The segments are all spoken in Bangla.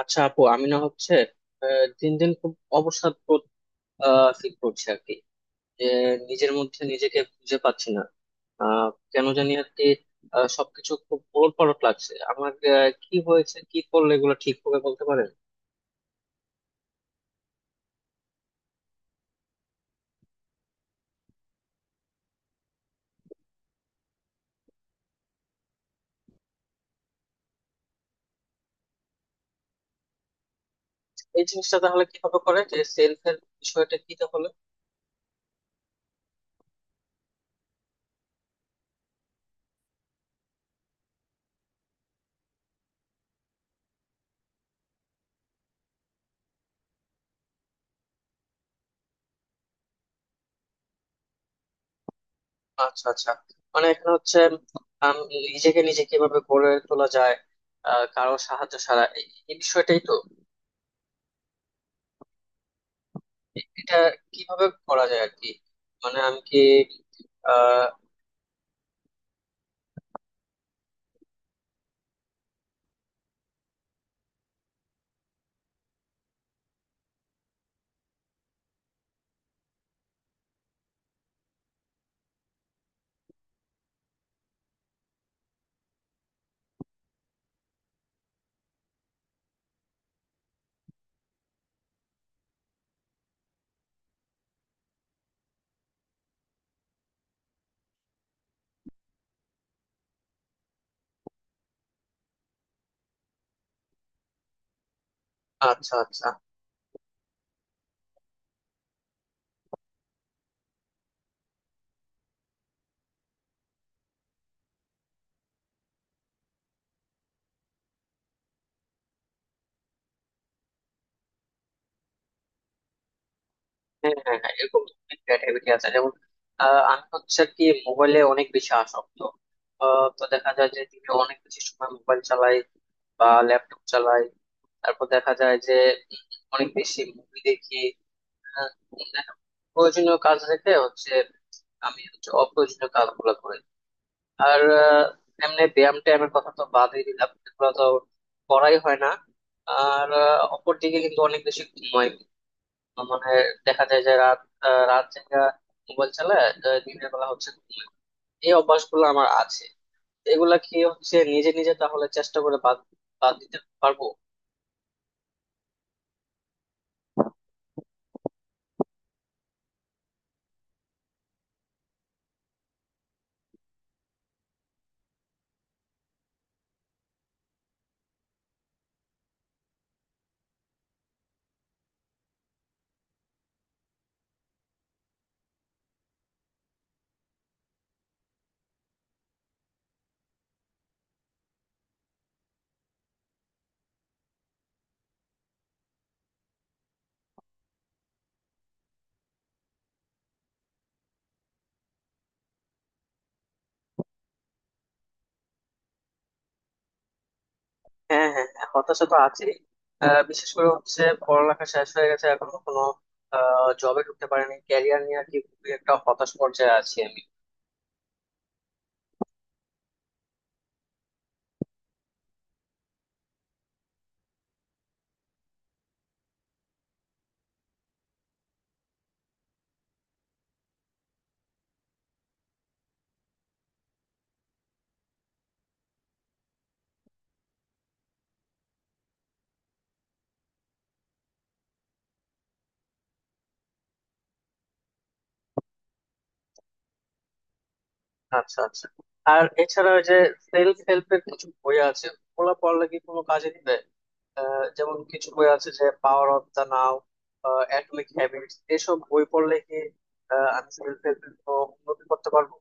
আচ্ছা আপু, আমি না হচ্ছে দিন দিন খুব অবসাদ বোধ ফিল করছি আর কি। যে নিজের মধ্যে নিজেকে খুঁজে পাচ্ছি না, আহ, কেন জানি আর কি। সবকিছু খুব ওলটপালট লাগছে আমার, কি হয়েছে, কি করলে এগুলো ঠিক হবে বলতে পারেন? এই জিনিসটা তাহলে কিভাবে করে, যে সেলফ এর বিষয়টা কি তাহলে? আচ্ছা আচ্ছা। মানে এখানে হচ্ছে আম, নিজেকে নিজে কিভাবে গড়ে তোলা যায় কারো সাহায্য ছাড়া, এই এই বিষয়টাই তো। এটা কিভাবে করা যায় আর কি, মানে আমি কি আহ আচ্ছা আচ্ছা। হ্যাঁ হ্যাঁ হ্যাঁ, এরকম ক্রিয়েটিভিটি আছে, যেমন আমি হচ্ছে কি মোবাইলে অনেক বেশি আসক্ত। তো দেখা যায় যে দিনে অনেক বেশি সময় মোবাইল চালাই বা ল্যাপটপ চালাই। তারপর দেখা যায় যে উম, অনেক বেশি মুভি দেখি। হ্যাঁ, প্রয়োজনীয় কাজ রেখে হচ্ছে আমি হচ্ছে অপ্রয়োজনীয় কাজগুলো করি। আর এমনি ব্যায়াম ট্যায়ামের কথা তো বাদই দিলাম, এগুলো তো করাই হয় না। আর অপরদিকে কিন্তু অনেক বেশি ঘুমাই। মানে দেখা যায় যে রাত রাত জায়গা মোবাইল চালায়, দিনের বেলা হচ্ছে ঘুমাই। এই অভ্যাসগুলো আমার আছে। এগুলা কি হচ্ছে নিজে নিজে তাহলে চেষ্টা করে বাদ বাদ দিতে পারবো? হ্যাঁ হ্যাঁ হ্যাঁ, হতাশা তো আছেই। বিশেষ করে হচ্ছে পড়ালেখা শেষ হয়ে গেছে, এখনো কোনো জবে ঢুকতে পারিনি। ক্যারিয়ার নিয়ে আর কি খুবই একটা হতাশ পর্যায়ে আছি আমি। আচ্ছা আচ্ছা। আর এছাড়া ওই যে সেলফ হেল্পের কিছু বই আছে, ওগুলা পড়লে কি কোনো কাজে দিবে? যেমন কিছু বই আছে যে power of the now, atomic habits, এসব বই পড়লে কি আমি সেলফ হেল্পের উন্নতি করতে পারবো?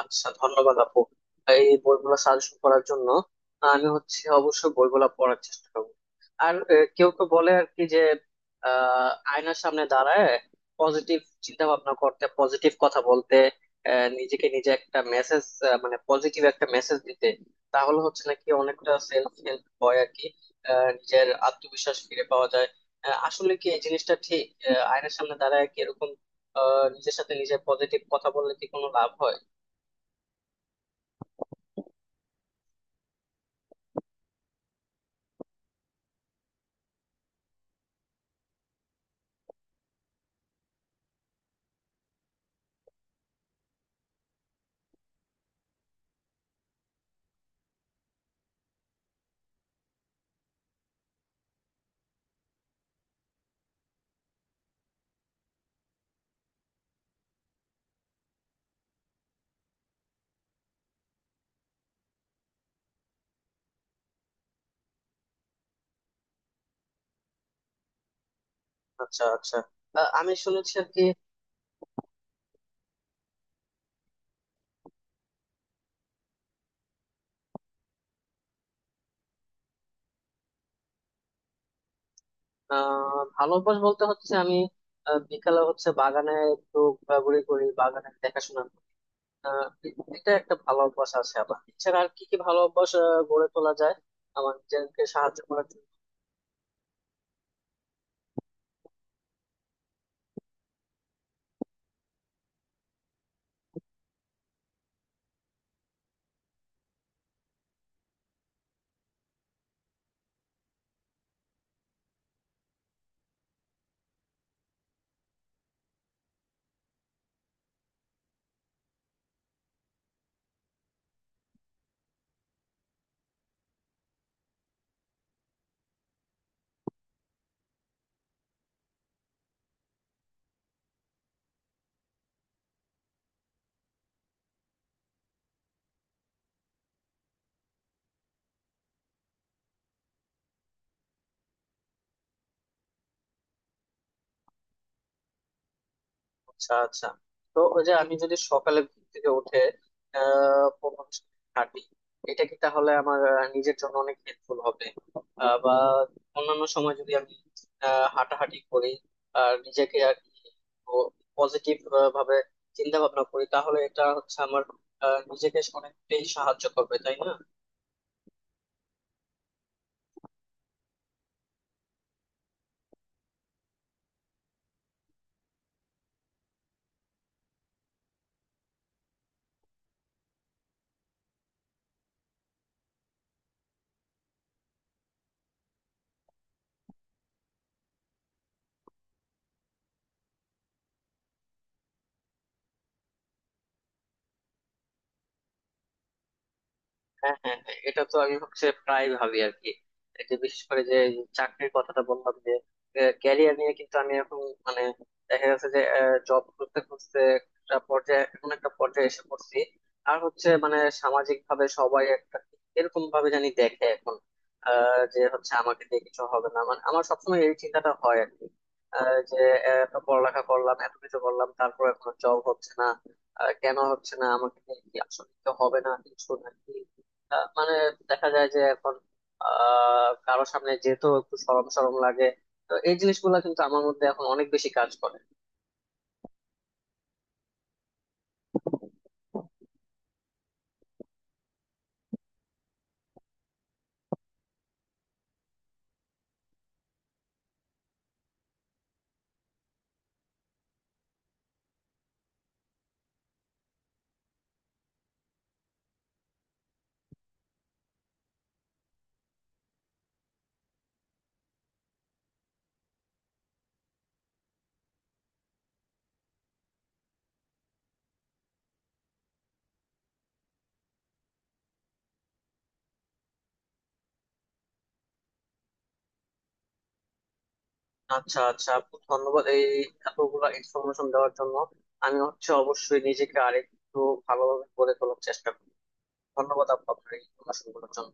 আচ্ছা ধন্যবাদ আপু, এই বইগুলো সাজেশন করার জন্য। আমি হচ্ছে অবশ্যই বইগুলো পড়ার চেষ্টা করবো। আর কেউ কেউ বলে আর কি যে আয়নার সামনে দাঁড়ায় পজিটিভ চিন্তা ভাবনা করতে, পজিটিভ কথা বলতে, নিজেকে নিজে একটা মেসেজ, মানে পজিটিভ একটা মেসেজ দিতে, তাহলে হচ্ছে নাকি অনেকটা সেলফ হেল্প হয় আর কি, নিজের আত্মবিশ্বাস ফিরে পাওয়া যায়। আসলে কি এই জিনিসটা ঠিক? আয়নার সামনে দাঁড়ায় কি এরকম নিজের সাথে নিজের পজিটিভ কথা বললে কি কোনো লাভ হয়? আচ্ছা আচ্ছা। আমি শুনেছি আর কি। ভালো অভ্যাস বলতে হচ্ছে আমি বিকালে হচ্ছে বাগানে একটু ঘোরাঘুরি করি, বাগানে দেখাশোনা করি। আহ, এটা একটা ভালো অভ্যাস আছে। আবার এছাড়া আর কি কি ভালো অভ্যাস গড়ে তোলা যায় আমার নিজেকে সাহায্য করার জন্য? আচ্ছা আচ্ছা। তো ওই যে আমি যদি সকালে ঘুম থেকে উঠে প্রথম হাঁটি, এটা কি তাহলে আমার নিজের জন্য অনেক হেল্পফুল হবে? বা অন্যান্য সময় যদি আমি হাঁটাহাঁটি করি আর নিজেকে আর কি পজিটিভ ভাবে চিন্তা ভাবনা করি, তাহলে এটা হচ্ছে আমার নিজেকে অনেকটাই সাহায্য করবে তাই না? হ্যাঁ হ্যাঁ হ্যাঁ, এটা তো আমি হচ্ছে প্রায় ভাবি আর কি। এই যে বিশেষ করে যে এই চাকরির কথাটা বললাম, যে ক্যারিয়ার নিয়ে কিন্তু আমি এখন মানে দেখা গেছে যে জব করতে করতে একটা পর্যায়ে, এমন একটা পর্যায়ে এসে পড়ছি। আর হচ্ছে মানে সামাজিক ভাবে সবাই একটা এরকম ভাবে জানি দেখে এখন যে হচ্ছে আমাকে দিয়ে কিছু হবে না, মানে আমার সবসময় এই চিন্তাটা হয় আর কি, যে এত পড়ালেখা করলাম, এত কিছু করলাম, তারপর এখন জব হচ্ছে না। কেন হচ্ছে না, আমাকে দিয়ে কি আসলে কিছু হবে না কিছু নাকি? মানে দেখা যায় যে এখন কারো সামনে যেহেতু একটু শরম শরম লাগে, তো এই জিনিসগুলো কিন্তু আমার মধ্যে এখন অনেক বেশি কাজ করে। আচ্ছা আচ্ছা আপু, ধন্যবাদ এই এতগুলো ইনফরমেশন দেওয়ার জন্য। আমি হচ্ছে অবশ্যই নিজেকে আরেকটু ভালোভাবে গড়ে তোলার চেষ্টা করবো। ধন্যবাদ আপু আপনার এই ইনফরমেশন গুলোর জন্য।